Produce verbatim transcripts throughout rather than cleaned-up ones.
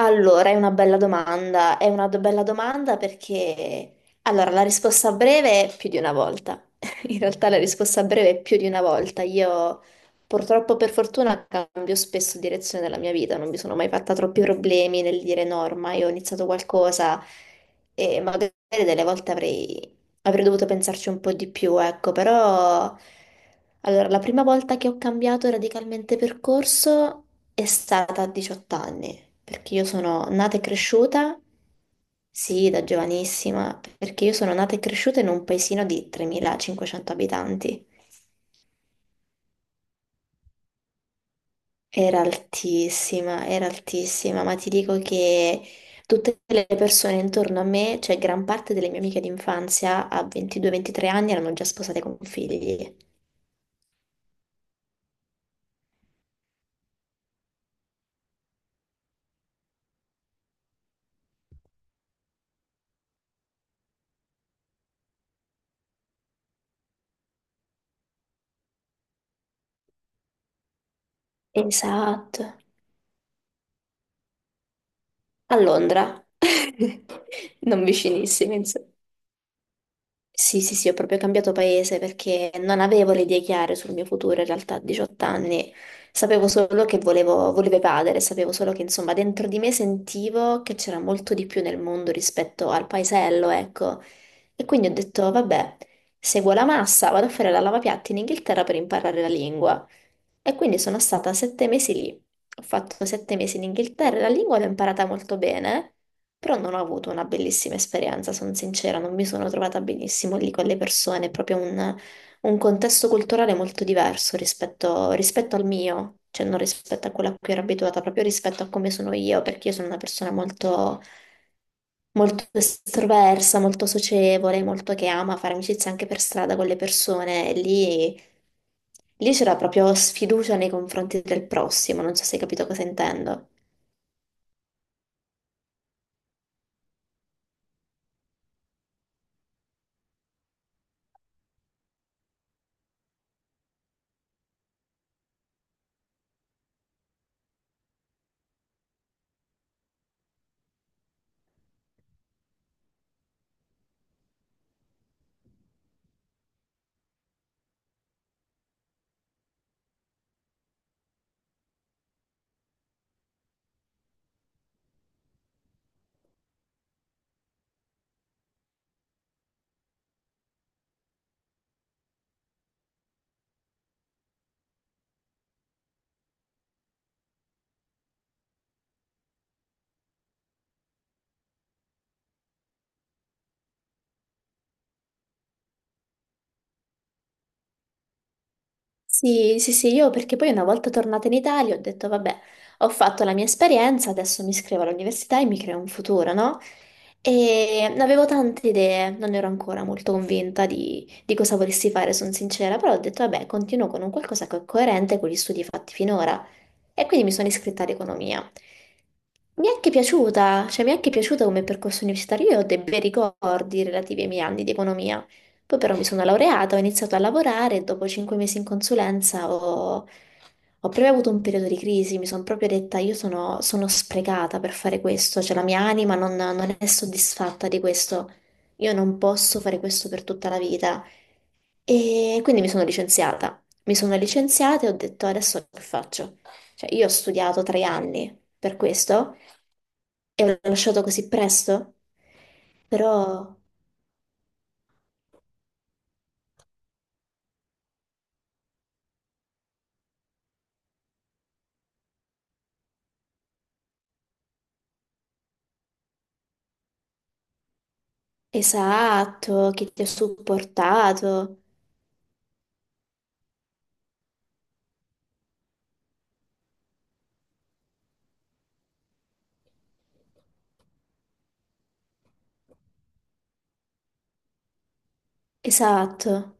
Allora, è una bella domanda, è una do- bella domanda perché... Allora, la risposta breve è più di una volta. In realtà la risposta breve è più di una volta. Io purtroppo per fortuna cambio spesso direzione della mia vita, non mi sono mai fatta troppi problemi nel dire no, ormai ho iniziato qualcosa e magari delle volte avrei Avrei dovuto pensarci un po' di più, ecco, però... Allora, la prima volta che ho cambiato radicalmente percorso è stata a diciotto anni, perché io sono nata e cresciuta, sì, da giovanissima, perché io sono nata e cresciuta in un paesino di tremilacinquecento abitanti. Era altissima, era altissima, ma ti dico che tutte le persone intorno a me, cioè gran parte delle mie amiche d'infanzia a ventidue ventitré anni erano già sposate con figli. Esatto. A Londra. Non vicinissimi, insomma. Sì, sì, sì, ho proprio cambiato paese perché non avevo le idee chiare sul mio futuro in realtà a diciotto anni. Sapevo solo che volevo, volevo evadere, sapevo solo che insomma dentro di me sentivo che c'era molto di più nel mondo rispetto al paesello, ecco. E quindi ho detto, vabbè, seguo la massa, vado a fare la lavapiatti in Inghilterra per imparare la lingua. E quindi sono stata sette mesi lì. Ho fatto sette mesi in Inghilterra, la lingua l'ho imparata molto bene, però non ho avuto una bellissima esperienza, sono sincera, non mi sono trovata benissimo lì con le persone, è proprio un, un contesto culturale molto diverso rispetto, rispetto al mio, cioè non rispetto a quello a cui ero abituata, proprio rispetto a come sono io, perché io sono una persona molto, molto estroversa, molto socievole, molto che ama fare amicizia anche per strada con le persone. E Lì, lì c'era proprio sfiducia nei confronti del prossimo, non so se hai capito cosa intendo. Sì, sì, sì, io perché poi una volta tornata in Italia ho detto, vabbè, ho fatto la mia esperienza, adesso mi iscrivo all'università e mi creo un futuro, no? E avevo tante idee, non ero ancora molto convinta di, di cosa volessi fare, sono sincera, però ho detto, vabbè, continuo con un qualcosa che è coerente con gli studi fatti finora. E quindi mi sono iscritta ad economia. Mi è anche piaciuta, cioè mi è anche piaciuta come percorso universitario, io ho dei bei ricordi relativi ai miei anni di economia. Poi però mi sono laureata, ho iniziato a lavorare e dopo cinque mesi in consulenza ho, ho proprio avuto un periodo di crisi, mi sono proprio detta io sono, sono sprecata per fare questo, cioè la mia anima non, non è soddisfatta di questo, io non posso fare questo per tutta la vita. E quindi mi sono licenziata, mi sono licenziata e ho detto adesso che faccio? Cioè io ho studiato tre anni per questo e ho lasciato così presto, però... Esatto, che ti ha supportato. Esatto.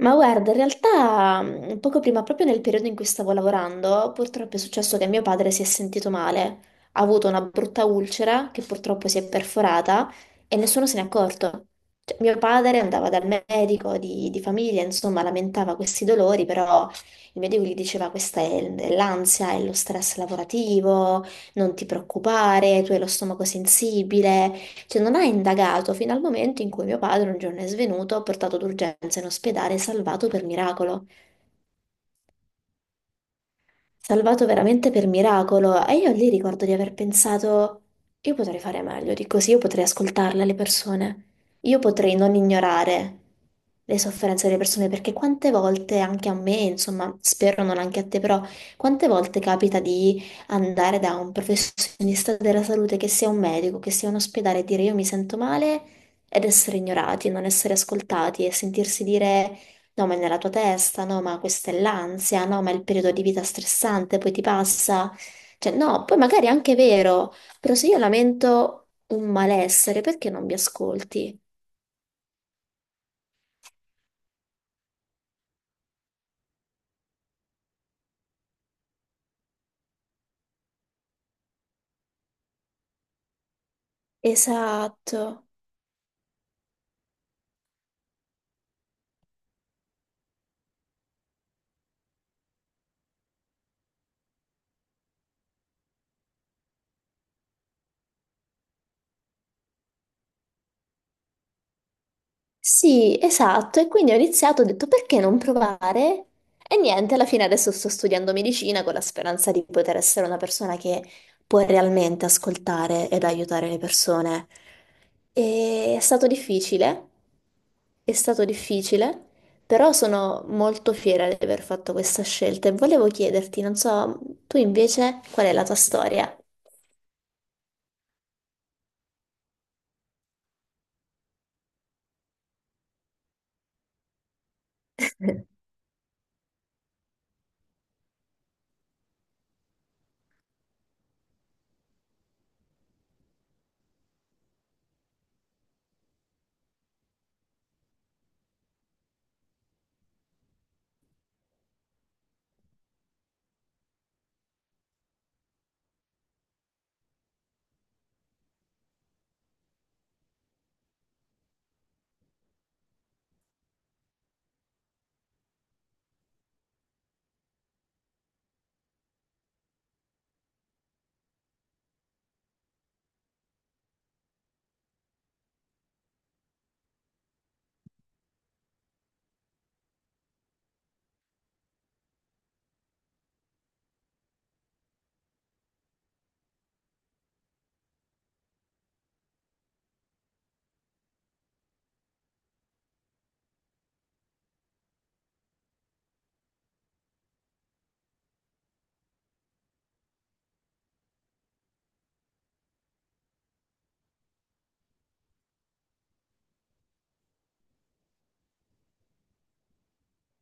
Ma guarda, in realtà, mh, poco prima, proprio nel periodo in cui stavo lavorando, purtroppo è successo che mio padre si è sentito male. Ha avuto una brutta ulcera che purtroppo si è perforata e nessuno se n'è accorto. Cioè, mio padre andava dal medico di, di famiglia, insomma, lamentava questi dolori, però il medico gli diceva questa è è l'ansia, è lo stress lavorativo, non ti preoccupare, tu hai lo stomaco sensibile. Cioè, non ha indagato fino al momento in cui mio padre un giorno è svenuto, portato d'urgenza in ospedale e salvato per miracolo, salvato veramente per miracolo, e io lì ricordo di aver pensato, io potrei fare meglio di così, io potrei ascoltarle le persone, io potrei non ignorare le sofferenze delle persone, perché quante volte, anche a me, insomma, spero non anche a te, però quante volte capita di andare da un professionista della salute, che sia un medico, che sia un ospedale, e dire io mi sento male ed essere ignorati, non essere ascoltati e sentirsi dire... No, ma è nella tua testa, no, ma questa è l'ansia, no, ma è il periodo di vita stressante, poi ti passa. Cioè, no, poi magari è anche vero, però se io lamento un malessere, perché non mi ascolti? Esatto. Sì, esatto, e quindi ho iniziato, ho detto perché non provare? E niente, alla fine adesso sto studiando medicina con la speranza di poter essere una persona che può realmente ascoltare ed aiutare le persone. E è stato difficile, è stato difficile, però sono molto fiera di aver fatto questa scelta e volevo chiederti, non so, tu invece qual è la tua storia?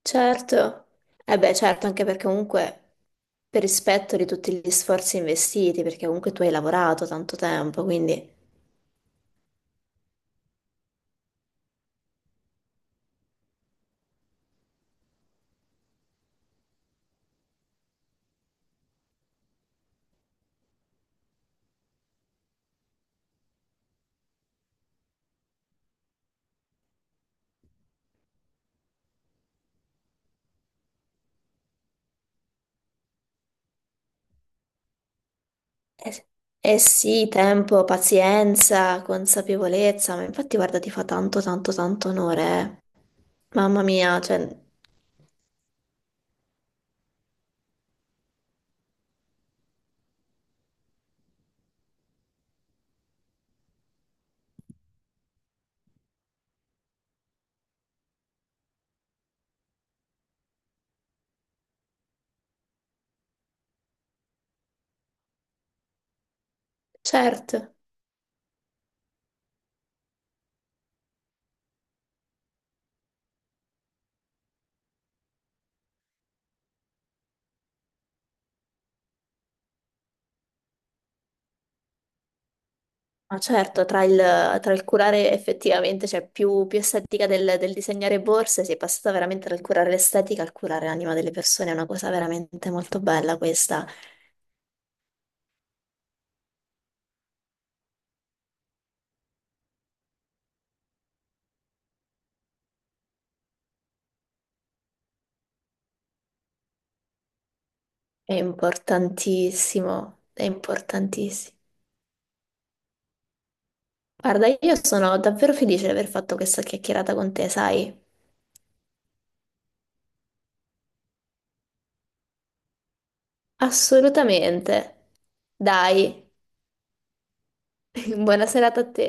Certo, eh beh, certo, anche perché comunque per rispetto di tutti gli sforzi investiti, perché comunque tu hai lavorato tanto tempo, quindi eh, eh sì, tempo, pazienza, consapevolezza, ma infatti guarda, ti fa tanto, tanto, tanto onore, eh. Mamma mia, cioè, certo, ma certo, tra il, tra il curare effettivamente, cioè più, più estetica del, del disegnare borse, si è passata veramente dal curare l'estetica al curare l'anima delle persone, è una cosa veramente molto bella questa. È importantissimo, è importantissimo. Guarda, io sono davvero felice di aver fatto questa chiacchierata con te, sai? Assolutamente. Dai, buona serata a te.